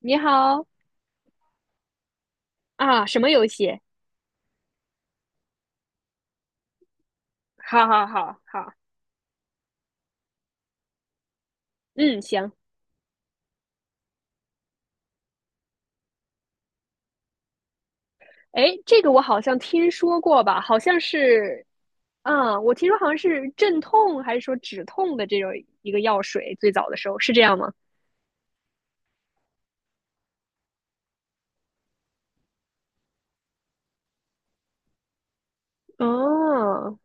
你好啊，什么游戏？好好好好，嗯，行。哎，这个我好像听说过吧？好像是，啊，我听说好像是镇痛还是说止痛的这种一个药水，最早的时候是这样吗？哦，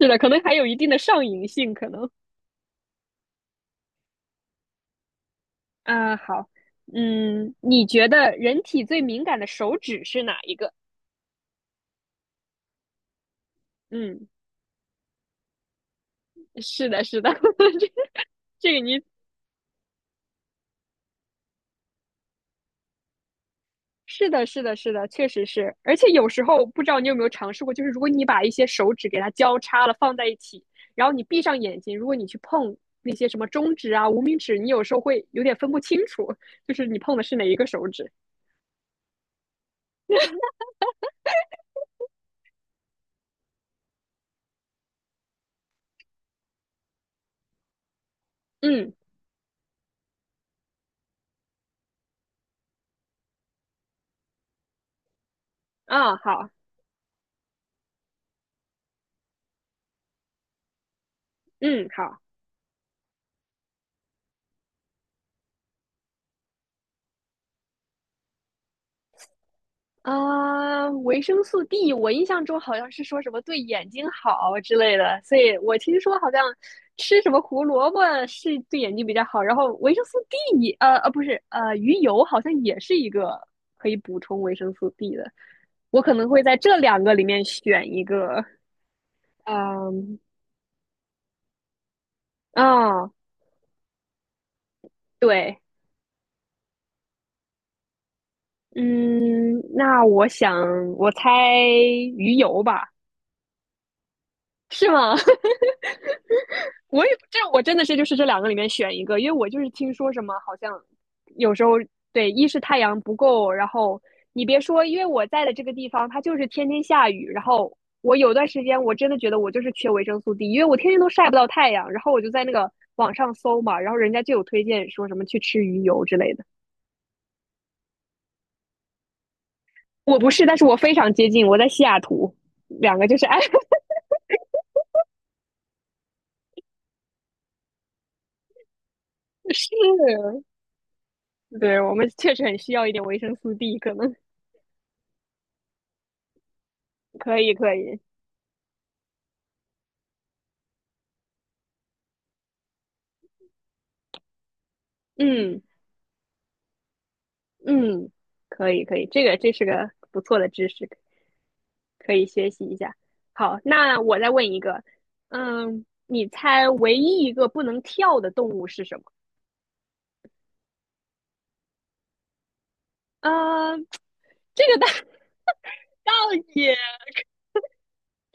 是的，可能还有一定的上瘾性，可能。啊，好，嗯，你觉得人体最敏感的手指是哪一个？嗯，是的，是的，这这个你是的，是的，是的，确实是。而且有时候不知道你有没有尝试过，就是如果你把一些手指给它交叉了放在一起，然后你闭上眼睛，如果你去碰那些什么中指啊、无名指，你有时候会有点分不清楚，就是你碰的是哪一个手指。嗯，啊，好，嗯，好。啊，维生素 D，我印象中好像是说什么对眼睛好之类的，所以我听说好像吃什么胡萝卜是对眼睛比较好，然后维生素 D，不是,鱼油好像也是一个可以补充维生素 D 的，我可能会在这两个里面选一个，嗯，啊，对，嗯，那我想我猜鱼油吧，是吗？我也这我真的是就是这两个里面选一个，因为我就是听说什么好像有时候对，一是太阳不够，然后你别说，因为我在的这个地方它就是天天下雨，然后我有段时间我真的觉得我就是缺维生素 D，因为我天天都晒不到太阳，然后我就在那个网上搜嘛，然后人家就有推荐说什么去吃鱼油之类的。我不是，但是我非常接近，我在西雅图，两个就是 哎是，对我们确实很需要一点维生素 D，可能可以可以，嗯。嗯，可以可以，这个这是个不错的知识，可以学习一下。好，那我再问一个，嗯，你猜唯一一个不能跳的动物是什么？嗯，这个倒 倒也，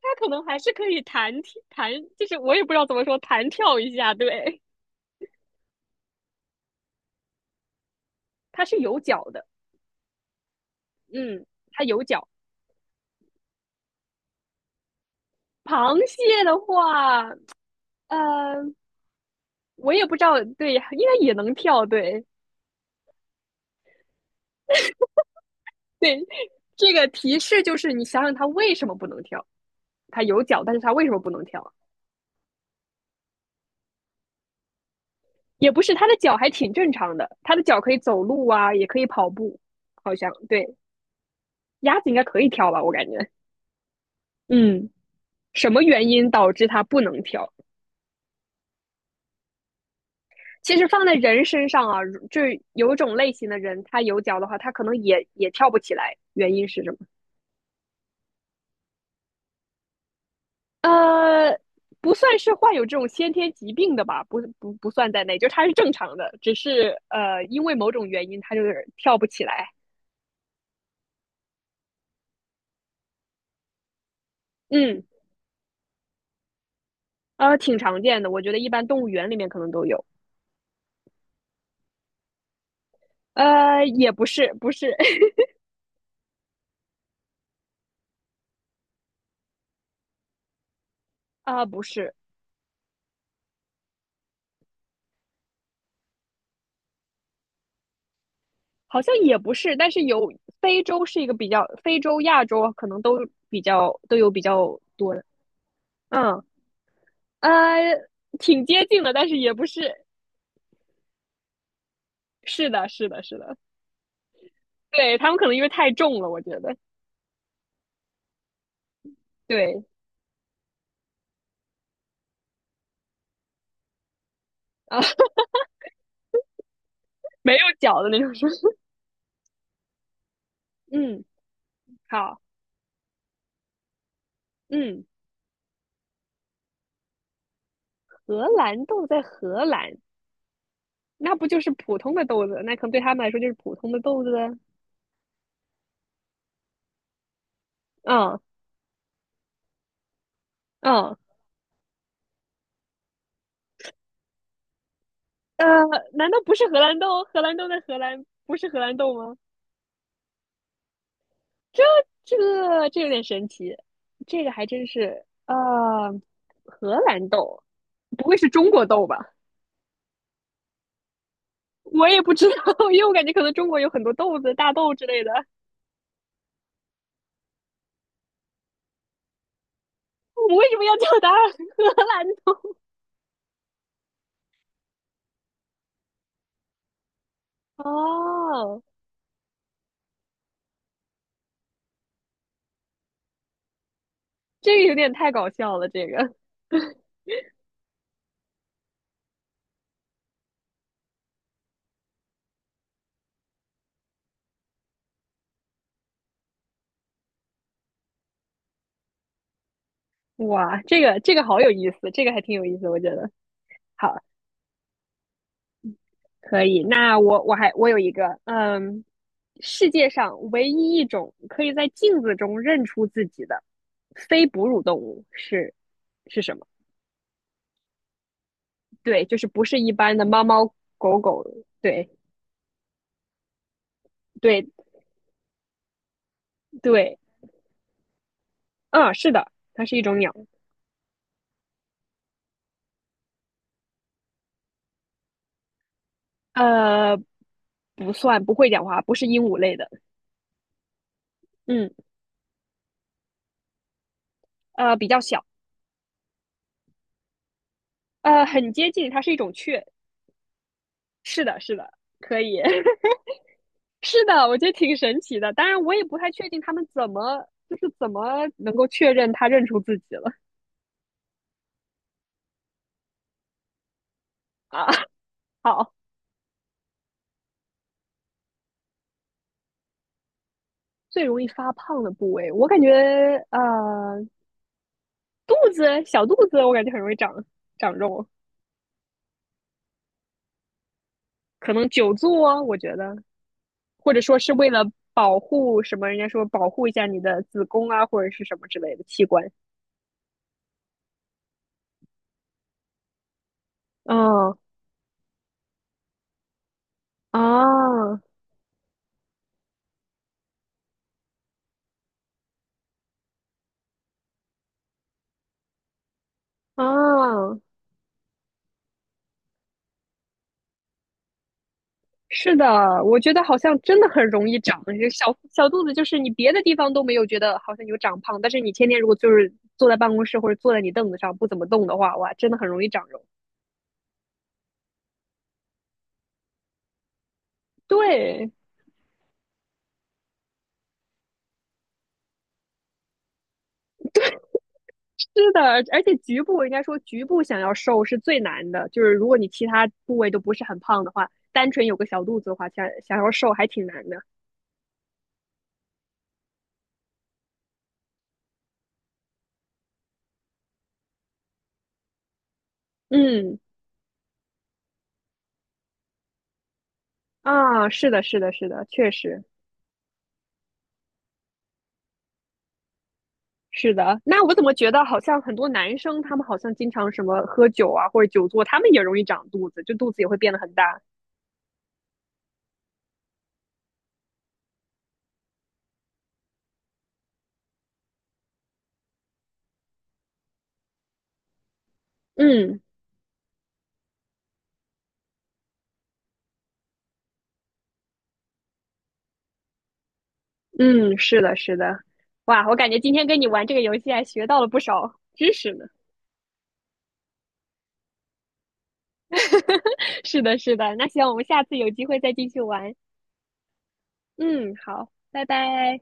它可能还是可以弹跳弹，就是我也不知道怎么说，弹跳一下。对，它是有脚的，嗯，它有脚。螃蟹的话，呃，我也不知道，对，应该也能跳，对，对，这个提示就是你想想它为什么不能跳？它有脚，但是它为什么不能跳？也不是，它的脚还挺正常的，它的脚可以走路啊，也可以跑步，好像对。鸭子应该可以跳吧，我感觉。嗯，什么原因导致它不能跳？其实放在人身上啊，就有一种类型的人，他有脚的话，他可能也跳不起来，原因是什么？呃，不算是患有这种先天疾病的吧，不算在内，就是他是正常的，只是因为某种原因它就是跳不起来。嗯，挺常见的，我觉得一般动物园里面可能都有。呃，也不是，不是，啊、不是，好像也不是，但是有非洲是一个比较，非洲、亚洲可能都比较都有比较多的。嗯，呃，挺接近的，但是也不是。是的，是的，是的，对，他们可能因为太重了，我觉得。对，啊。没有脚的那种。嗯，好，嗯，荷兰豆在荷兰，那不就是普通的豆子？那可能对他们来说就是普通的豆子啊。嗯嗯，呃，难道不是荷兰豆？荷兰豆在荷兰不是荷兰豆吗？这个这有点神奇，这个还真是。啊，荷兰豆，不会是中国豆吧？我也不知道，因为我感觉可能中国有很多豆子、大豆之类的。我们为什么要叫它 荷兰豆？哦，这个有点太搞笑了，这个哇，这个这个好有意思，这个还挺有意思，我觉得好可以。那我有一个，嗯，世界上唯一一种可以在镜子中认出自己的非哺乳动物是什么？对，就是不是一般的猫猫狗狗，对对对，嗯，是的，它是一种鸟，呃，不算不会讲话，不是鹦鹉类的，嗯，比较小，很接近，它是一种雀。是的，是的，可以，是的，我觉得挺神奇的。当然，我也不太确定他们怎么，就是怎么能够确认他认出自己了 啊。好，最容易发胖的部位，我感觉呃，肚子，小肚子，我感觉很容易长肉，可能久坐，我觉得，或者说是为了保护什么，人家说保护一下你的子宫啊，或者是什么之类的器官。嗯啊啊。是的，我觉得好像真的很容易长，这小小肚子就是你别的地方都没有觉得好像有长胖，但是你天天如果就是坐在办公室或者坐在你凳子上不怎么动的话，哇，真的很容易长肉。对，是的，而且局部应该说局部想要瘦是最难的，就是如果你其他部位都不是很胖的话，单纯有个小肚子的话，想要瘦还挺难的。嗯，啊，是的，是的，是的，确实。是的，那我怎么觉得好像很多男生他们好像经常什么喝酒啊或者久坐，他们也容易长肚子，就肚子也会变得很大。嗯嗯，是的，是的，哇，我感觉今天跟你玩这个游戏还学到了不少知识呢。是的，是的，那希望我们下次有机会再继续玩。嗯，好，拜拜。